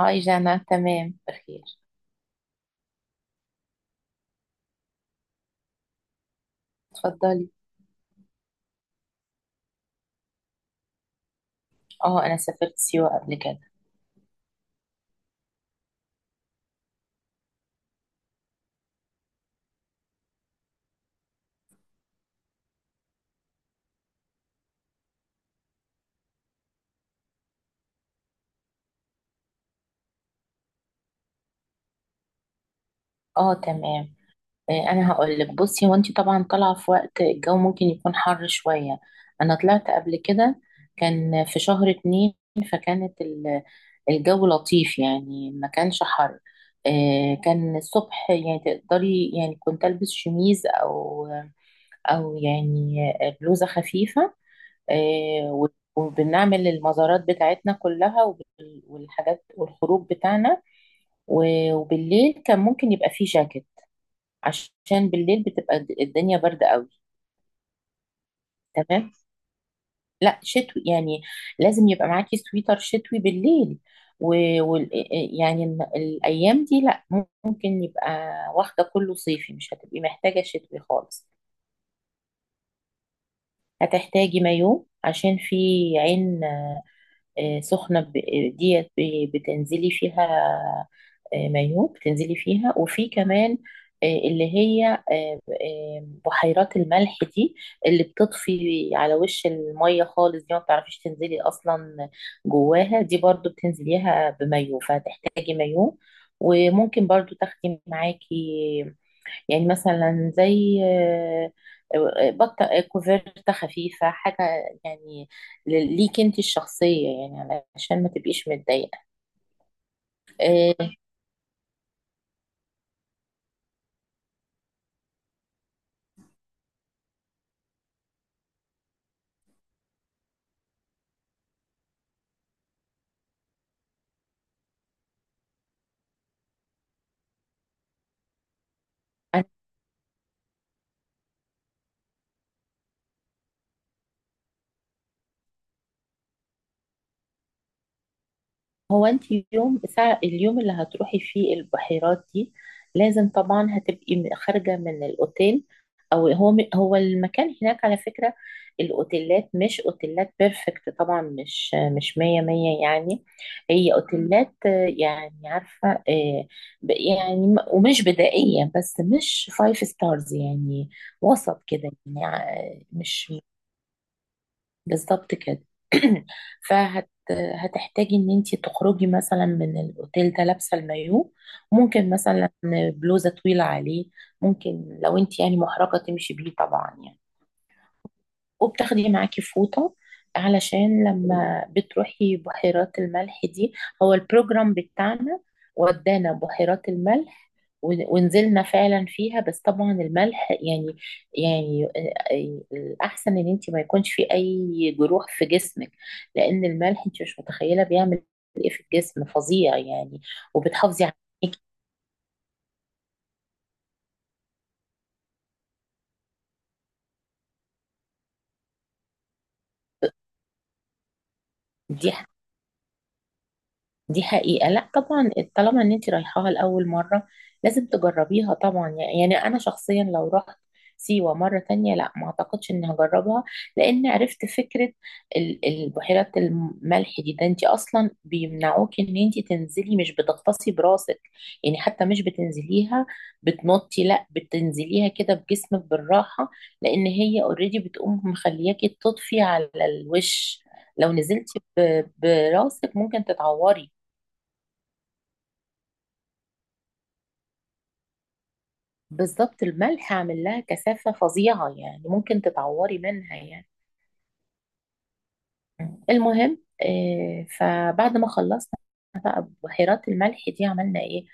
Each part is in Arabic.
هاي جانا، تمام، بخير. اتفضلي. اه، انا سافرت سيوة قبل كده. اه، تمام. انا هقول لك، بصي، هو انت طبعا طالعه في وقت الجو ممكن يكون حر شويه. انا طلعت قبل كده، كان في شهر اتنين. فكانت ال- الجو لطيف، يعني ما كانش حر. كان الصبح، يعني تقدري، يعني كنت البس شميز او يعني بلوزه خفيفه. آه، و- وبنعمل المزارات بتاعتنا كلها والحاجات والخروج بتاعنا. وبالليل كان ممكن يبقى فيه جاكيت، عشان بالليل بتبقى الدنيا باردة قوي. تمام. لا شتوي يعني، لازم يبقى معاكي سويتر شتوي بالليل. و- وال آه، آه، يعني الأيام دي لا، ممكن يبقى واخدة كله صيفي، مش هتبقي محتاجة شتوي خالص. هتحتاجي مايو عشان في عين سخنة بتنزلي فيها. مايو بتنزلي فيها، وفي كمان آه، اللي هي آه، آه، بحيرات الملح دي، اللي بتطفي على وش المية خالص دي ما بتعرفيش تنزلي أصلا. جواها دي برضو بتنزليها بمايو، فهتحتاجي مايو. وممكن برضو تاخدي معاكي، يعني مثلا زي بطة، كوفرتة خفيفة، حاجة يعني ليك انت الشخصية، يعني علشان ما تبقيش متضايقة. آه، هو انت يوم ساعة اليوم اللي هتروحي فيه البحيرات دي، لازم طبعا هتبقي خارجة من الاوتيل. هو المكان هناك على فكرة، الاوتيلات مش اوتيلات بيرفكت طبعا، مش مية مية يعني. هي اوتيلات يعني عارفة ب- يعني ومش بدائية، بس مش فايف ستارز يعني، وسط كده يعني مش. بالظبط كده. فهت هتحتاجي ان انت تخرجي مثلا من الاوتيل ده لابسه المايو، ممكن مثلا بلوزه طويله عليه، ممكن لو انت يعني محرجه تمشي بيه طبعا يعني، وبتاخدي معاكي فوطة، علشان لما بتروحي بحيرات الملح دي. هو البروجرام بتاعنا ودانا بحيرات الملح ونزلنا فعلا فيها، بس طبعا الملح يعني، يعني الأحسن إن أنت ما يكونش في أي جروح في جسمك، لأن الملح أنت مش متخيلة بيعمل إيه في الجسم، فظيع يعني، وبتحافظي عليكي. دي دي حقيقة، لا طبعا طالما ان انت رايحاها لأول مرة لازم تجربيها طبعا، يعني انا شخصيا لو رحت سيوة مرة تانية، لا ما اعتقدش اني هجربها، لان عرفت فكرة البحيرات الملح دي، ده انت اصلا بيمنعوك ان انت تنزلي، مش بتغطسي براسك، يعني حتى مش بتنزليها، بتنطي، لا، بتنزليها كده بجسمك بالراحة، لان هي اوريدي بتقوم مخلياكي تطفي على الوش. لو نزلتي براسك ممكن تتعوري. بالظبط، الملح عامل لها كثافة فظيعة يعني، ممكن تتعوري منها يعني. المهم فبعد ما خلصنا بحيرات الملح دي عملنا ايه،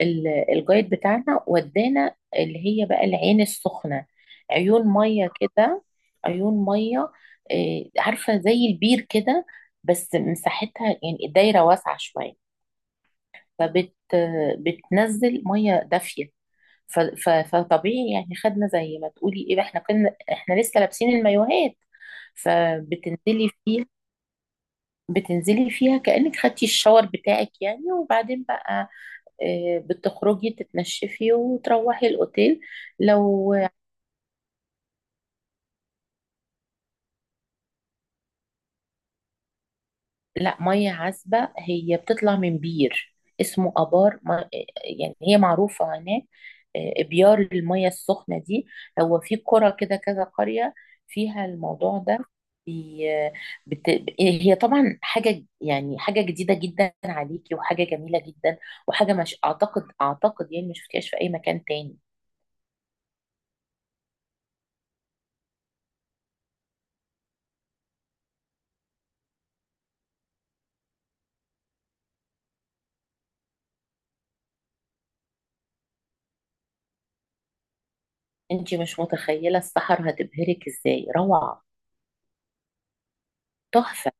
الجايد بتاعنا ودانا اللي هي بقى العين السخنة، عيون مية كده، عيون مية عارفة زي البير كده، بس مساحتها يعني الدايرة واسعة شوية. فبت آه، بتنزل مية دافية، فطبيعي يعني خدنا زي ما تقولي ايه، احنا كنا لسه لابسين المايوهات، فبتنزلي فيها. بتنزلي فيها كأنك خدتي الشاور بتاعك يعني، وبعدين بقى بتخرجي تتنشفي وتروحي الأوتيل. لو لا، ميه عذبه، هي بتطلع من بير اسمه ابار ما، يعني هي معروفه هناك، ابيار الميه السخنه دي. هو في قرى كده كذا قريه فيها الموضوع ده. بي- بت... هي طبعا حاجه، يعني حاجه جديده جدا عليكي، وحاجه جميله جدا، وحاجه مش اعتقد يعني ما شفتيهاش في اي مكان تاني. انت مش متخيله السحر هتبهرك ازاي، روعه، تحفه.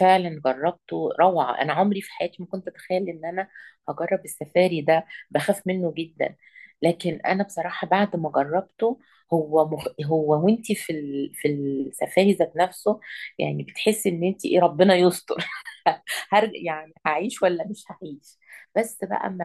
فعلا جربته، روعة، أنا عمري في حياتي ما كنت أتخيل إن أنا هجرب السفاري ده، بخاف منه جدا، لكن أنا بصراحة بعد ما جربته، هو وانتي في في السفاري ذات نفسه، يعني بتحسي إن انتي إيه، ربنا يستر. يعني هعيش ولا مش هعيش. بس بقى أما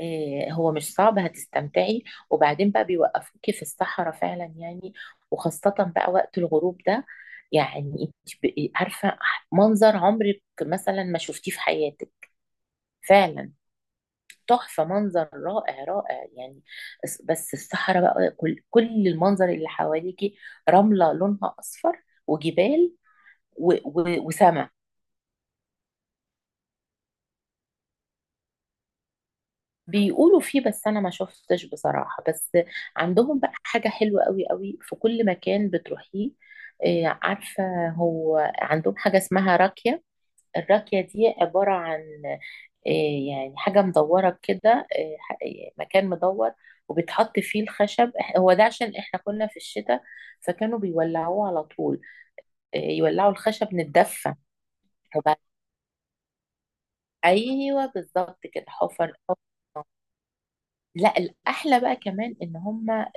هو مش صعب، هتستمتعي. وبعدين بقى بيوقفوكي في الصحراء فعلا يعني، وخاصة بقى وقت الغروب ده، يعني انت بقي عارفة منظر عمرك مثلا ما شفتيه في حياتك، فعلا، تحفة، منظر رائع رائع يعني. بس الصحراء بقى، كل كل المنظر اللي حواليكي، رملة لونها أصفر، وجبال وسماء. بيقولوا فيه بس انا ما شفتش بصراحة. بس عندهم بقى حاجة حلوة قوي قوي في كل مكان بتروحيه. عارفة، هو عندهم حاجة اسمها راكية، الراكية دي عبارة عن آه، يعني حاجة مدورة كده، مكان مدور، وبتحط فيه الخشب. هو ده عشان احنا كنا في الشتاء، فكانوا بيولعوه على طول، يولعوا الخشب نتدفى. وبعد- ايوه بالظبط كده حفر. لا الأحلى بقى كمان إن هم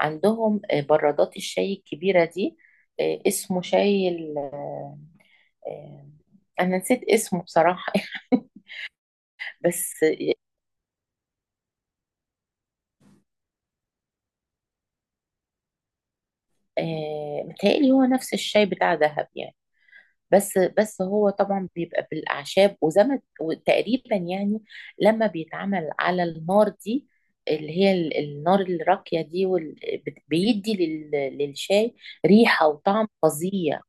عندهم برادات الشاي الكبيرة دي، اسمه شاي آه، أنا نسيت اسمه بصراحة. بس متهيألي هو نفس الشاي بتاع دهب يعني، بس هو طبعا بيبقى بالأعشاب وزي ما وتقريبا يعني لما بيتعمل على النار دي، اللي هي النار الراقية دي، بيدي للشاي ريحة وطعم فظيع.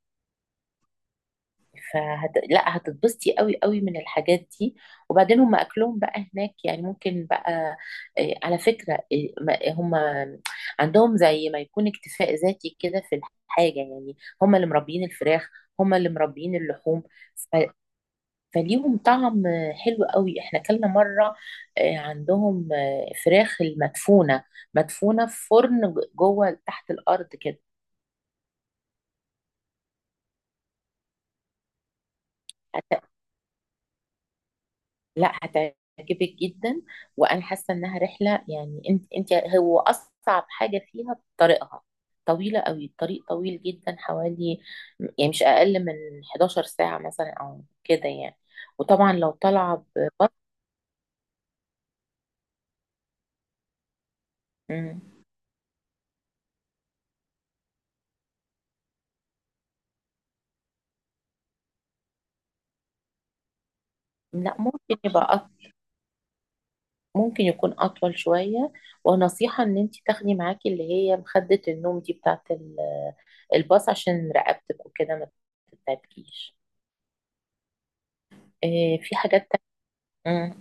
لا هتتبسطي قوي قوي من الحاجات دي. وبعدين هم اكلهم بقى هناك يعني ممكن بقى إيه، على فكره، هم عندهم زي ما يكون اكتفاء ذاتي كده في الحاجه، يعني هم اللي مربيين الفراخ، هم اللي مربيين اللحوم. ف... فليهم طعم حلو قوي، احنا اكلنا مره إيه، عندهم إيه، فراخ المدفونه، مدفونه في فرن جوه تحت الارض كده. لا هتعجبك جدا. وانا حاسه انها رحله، يعني انت هو اصعب حاجه فيها طريقها، طويله قوي، الطريق طويل جدا، حوالي يعني مش اقل من 11 ساعه مثلا او كده يعني. وطبعا لو طالعه ببط. مم. لا ممكن يبقى ممكن يكون اطول شويه. ونصيحه ان انت تاخدي معاكي اللي هي مخده النوم دي بتاعت الباص، عشان رقبتك وكده ما تتعبكيش. في حاجات تانية.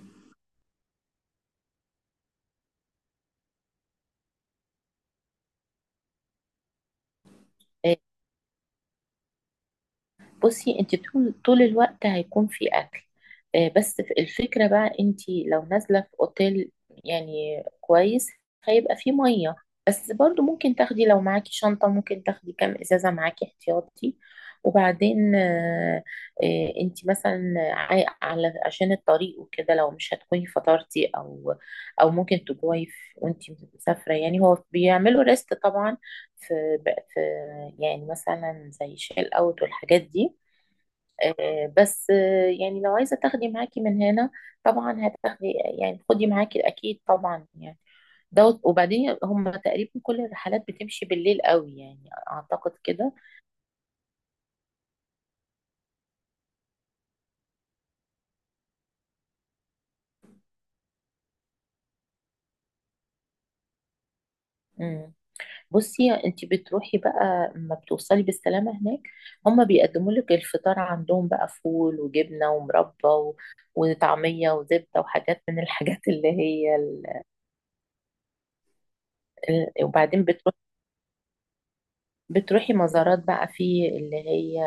بصي انت طول الوقت هيكون في اكل، بس الفكره بقى انت لو نازله في اوتيل يعني كويس هيبقى فيه ميه، بس برضو ممكن تاخدي لو معاكي شنطه ممكن تاخدي كام ازازه معاكي احتياطي. وبعدين انت مثلا على عشان الطريق وكده، لو مش هتكوني فطرتي او ممكن تجوعي وانت مسافره يعني، هو بيعملوا ريست طبعا في, في, يعني مثلا زي شيل اوت والحاجات دي. بس يعني لو عايزة تاخدي معاكي من هنا طبعا هتاخدي، يعني خدي معاكي أكيد طبعا يعني. دوت، وبعدين هم تقريبا كل الرحلات بتمشي بالليل قوي يعني أعتقد كده. مم. بصي انت بتروحي بقى لما بتوصلي بالسلامة هناك، هم بيقدموا لك الفطار عندهم بقى فول وجبنة ومربى وطعمية وزبدة وحاجات من الحاجات اللي هي وبعدين بتروحي مزارات بقى في اللي هي،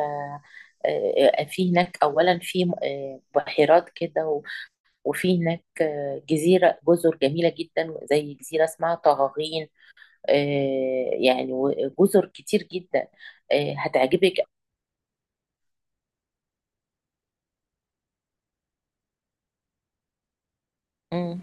في هناك أولا في بحيرات كده، وفي هناك آه، جزيرة جزر جميلة جدا، زي جزيرة اسمها طغاغين، يعني وجزر كتير جدا، هتعجبك. مم.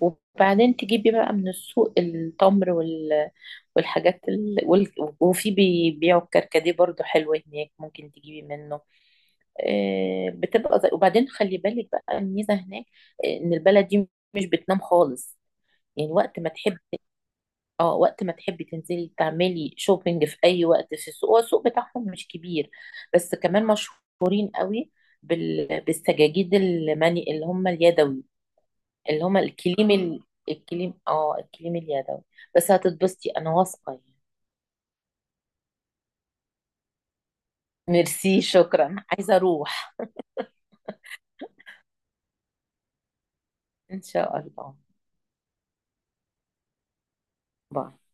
وبعدين تجيبي بقى من السوق التمر والحاجات وفي بيبيعوا الكركديه برضو حلو هناك ممكن تجيبي منه. بتبقى وبعدين خلي بالك بقى الميزة هناك إن البلد دي مش بتنام خالص، يعني وقت ما تحب، اه وقت ما تحبي تنزلي تعملي شوبينج في اي وقت في السوق. هو السوق بتاعهم مش كبير، بس كمان مشهورين قوي بالسجاجيد المني اللي هم اليدوي، اللي هم الكليم الكليم، اه الكليم اليدوي. بس هتتبسطي، انا واثقه يعني. ميرسي، شكرا، عايزه اروح. ان شاء الله. باي.